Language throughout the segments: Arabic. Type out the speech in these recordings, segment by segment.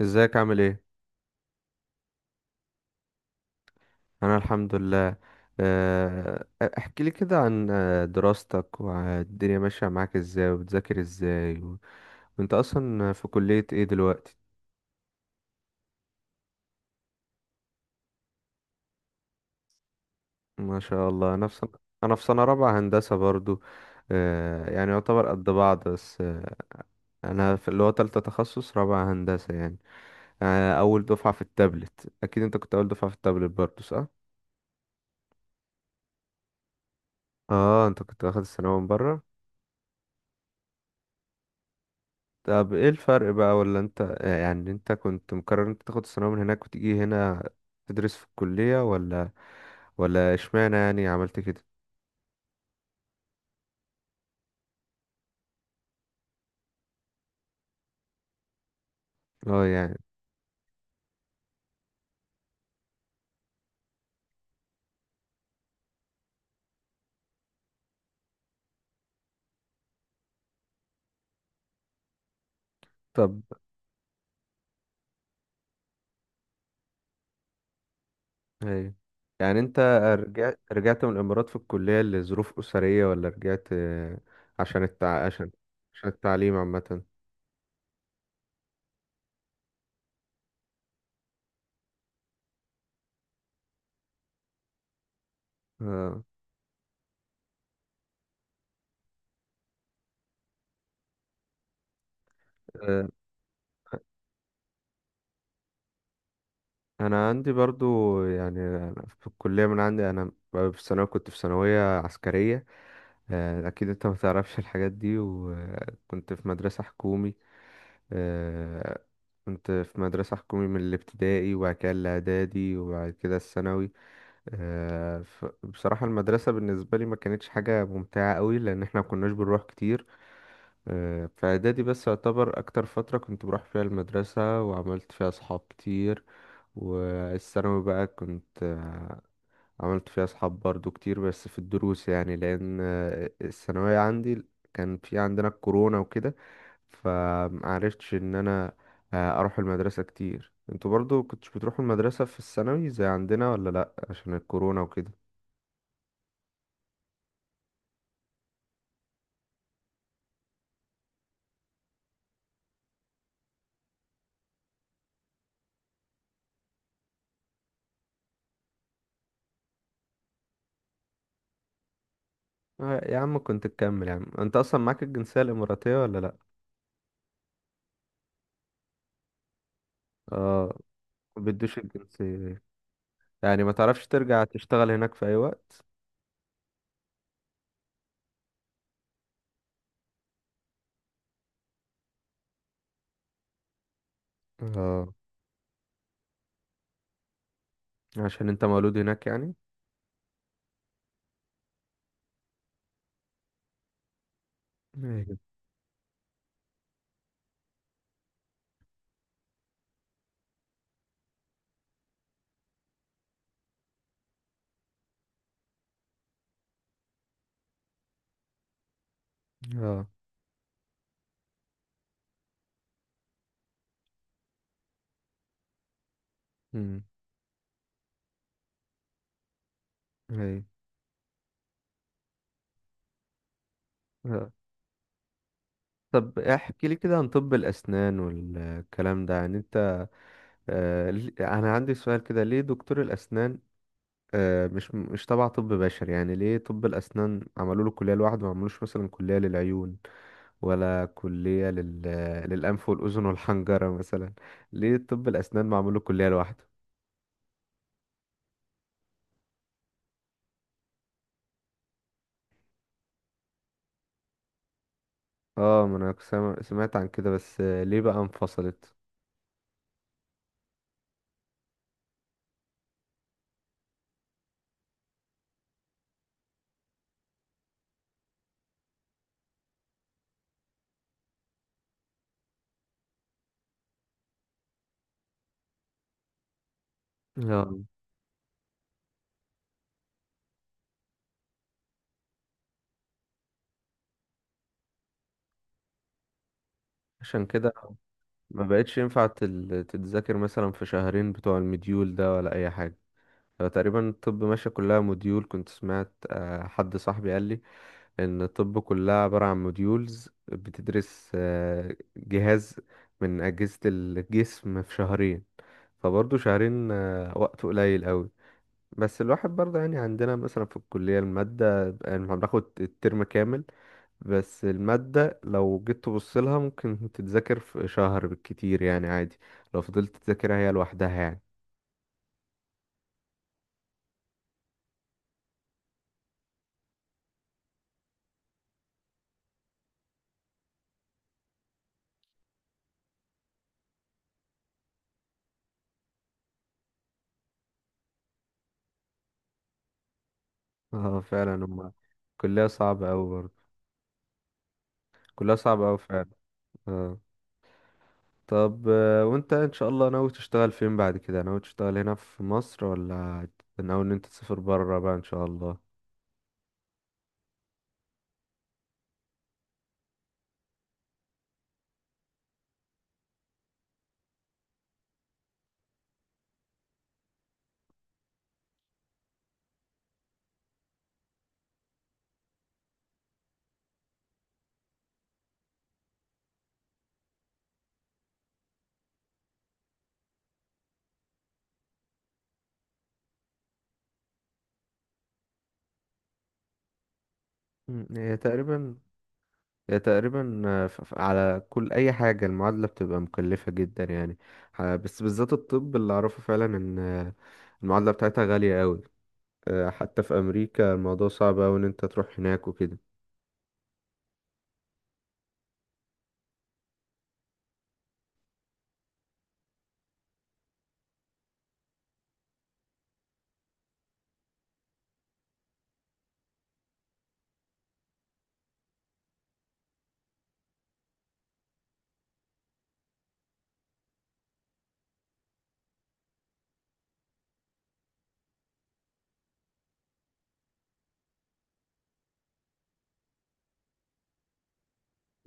ازيك؟ عامل ايه؟ انا الحمد لله. آه، احكي لي كده عن دراستك والدنيا ماشية معاك ازاي وبتذاكر ازاي وانت اصلا في كلية ايه دلوقتي؟ ما شاء الله. انا في سنة رابعة هندسة برضو. يعني يعتبر قد بعض بس. انا في اللي هو تالتة تخصص رابعة هندسة يعني. اول دفعة في التابلت، اكيد انت كنت اول دفعة في التابلت برضو، صح؟ اه، انت كنت واخد الثانوية من بره. طب ايه الفرق بقى؟ ولا انت يعني انت كنت مقرر انت تاخد الثانوية من هناك وتيجي هنا تدرس في الكلية ولا اشمعنى يعني عملت كده؟ اه يعني. طب. ايوه. يعني انت رجعت من الامارات في الكلية لظروف اسرية، ولا رجعت عشان التع... عشان عشان التعليم عامة؟ اه. آه، انا عندي برضو، يعني أنا في الكلية من عندي. انا في الثانوية كنت في ثانوية عسكرية. أكيد أنت ما تعرفش الحاجات دي، وكنت في مدرسة حكومي. آه، كنت في مدرسة حكومي من الابتدائي وبعد كده الإعدادي وبعد كده الثانوي. بصراحة المدرسة بالنسبة لي ما كانتش حاجة ممتعة قوي، لأن احنا ما كناش بنروح كتير. في إعدادي بس يعتبر أكتر فترة كنت بروح فيها المدرسة وعملت فيها أصحاب كتير. والثانوي بقى كنت عملت فيها أصحاب برضو كتير، بس في الدروس يعني، لأن الثانوية عندي كان في عندنا الكورونا وكده، فمعرفتش إن أنا أروح المدرسة كتير. انتوا برضو كنتش بتروحوا المدرسة في الثانوي زي عندنا ولا لأ عشان الكورونا وكده؟ يا عم كنت تكمل، يا عم انت أصلا معاك الجنسية الإماراتية ولا لأ؟ اه، ما بيدوش الجنسية. يعني ما تعرفش ترجع تشتغل هناك في أي وقت؟ اه، عشان انت مولود هناك يعني. ايوه. اه. امم. ايوه. طب احكي لي كده عن طب الأسنان والكلام ده. يعني انت انا عندي سؤال كده. ليه دكتور الأسنان مش تبع طب بشري؟ يعني ليه طب الأسنان عملوا له كلية لوحده؟ ما عملوش مثلا كلية للعيون ولا كلية للأنف والأذن والحنجرة مثلا؟ ليه طب الأسنان ما عملوا كلية لوحده؟ اه، ما انا كنت سمعت عن كده، بس ليه بقى انفصلت؟ اه، عشان كده ما بقتش ينفع تتذاكر مثلا في شهرين بتوع المديول ده ولا اي حاجة؟ هو تقريبا الطب ماشية كلها موديول. كنت سمعت حد صاحبي قال لي ان الطب كلها عبارة عن موديولز، بتدرس جهاز من أجهزة الجسم في شهرين. فبرضه شهرين وقت قليل قوي. بس الواحد برضه يعني عندنا مثلا في الكلية المادة، يعني احنا بناخد الترم كامل، بس المادة لو جيت تبص لها ممكن تتذاكر في شهر بالكتير، يعني عادي، لو فضلت تذاكرها هي لوحدها يعني. اه، فعلا هم كلها صعبة أوي برضه. كلها صعبة أوي فعلا. اه. طب وانت ان شاء الله ناوي تشتغل فين بعد كده؟ ناوي تشتغل هنا في مصر، ولا ناوي ان انت تسافر برا بقى ان شاء الله؟ مم، هي تقريبا هي تقريبا على كل اي حاجة المعادلة بتبقى مكلفة جدا يعني. بس بالذات الطب اللي اعرفه فعلا ان المعادلة بتاعتها غالية أوي. حتى في امريكا الموضوع صعب أوي ان انت تروح هناك وكده.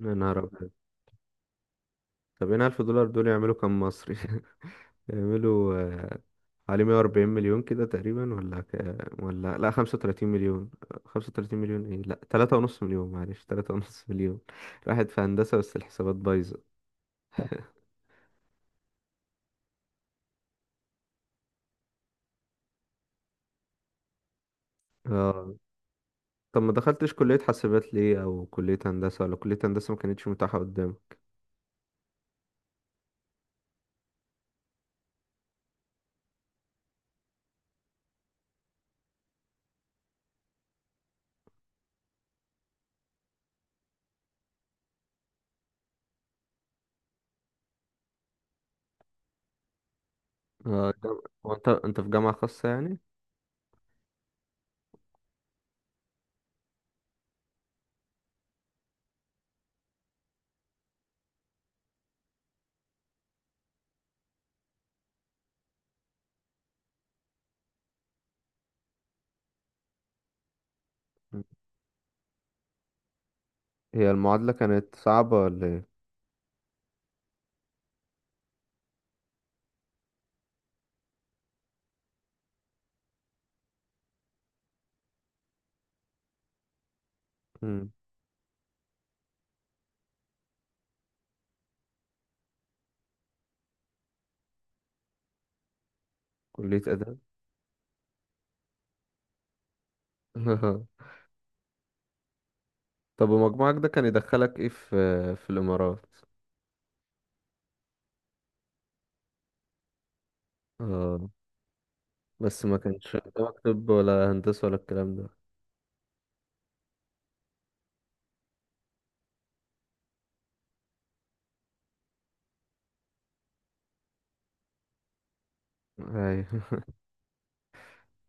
يا نهار أبيض! طب هنا 1000 دولار دول يعملوا كام مصري؟ يعملوا حوالي 140 مليون كده تقريبا، ولا ولا لا 35 مليون. 35 مليون ايه، لا 3.5 مليون معلش، 3.5 مليون. راحت في هندسة بس الحسابات بايظة. اه، طب ما دخلتش كلية حاسبات ليه؟ او كلية هندسة؟ ولا كلية هندسة ما كانتش متاحة قدامك؟ اه، هو انت في جامعة خاصة يعني؟ مم. هي المعادلة كانت صعبة ولا ايه؟ مم. كلية آداب؟ طب ومجموعك ده كان يدخلك ايه في في الامارات؟ اه، بس ما كانش قدامك طب ولا هندسة ولا الكلام ده؟ ايوه.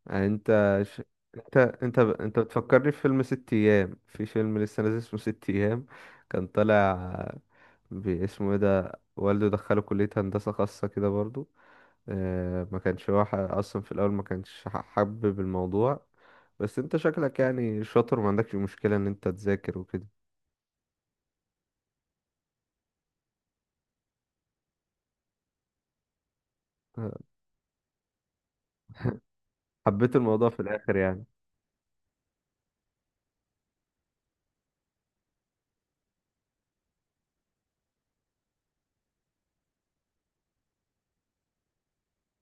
يعني انت ش... انت انت ب... انت بتفكرني في فيلم 6 ايام. في فيلم لسه نازل اسمه 6 ايام، كان طالع باسمه ايه ده، والده دخله كلية هندسة خاصة كده برضو. ما كانش هو اصلا في الاول ما كانش حابب الموضوع. بس انت شكلك يعني شاطر وما عندكش مشكلة ان انت تذاكر وكده. آه، حبيت الموضوع في الاخر يعني.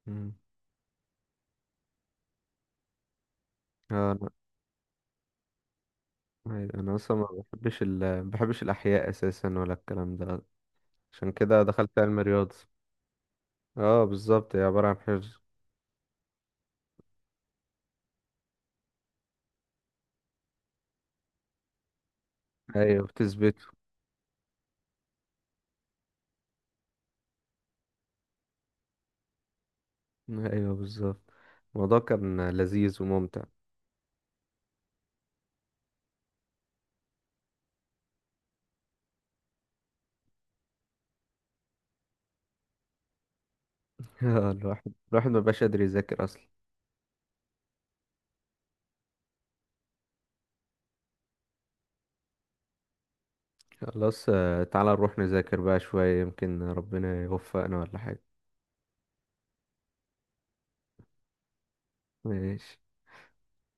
مم. آه، أيوة، انا اصلا ما بحبش الاحياء اساسا ولا الكلام ده. عشان كده دخلت علم الرياضة. اه، بالظبط هي عبارة عن حفظ. ايوه، بتثبته. ايوه بالظبط. الموضوع كان لذيذ وممتع. الواحد ما بقاش قادر يذاكر اصلا. خلاص، تعالى نروح نذاكر بقى شوية يمكن ربنا يوفقنا ولا حاجة. ماشي.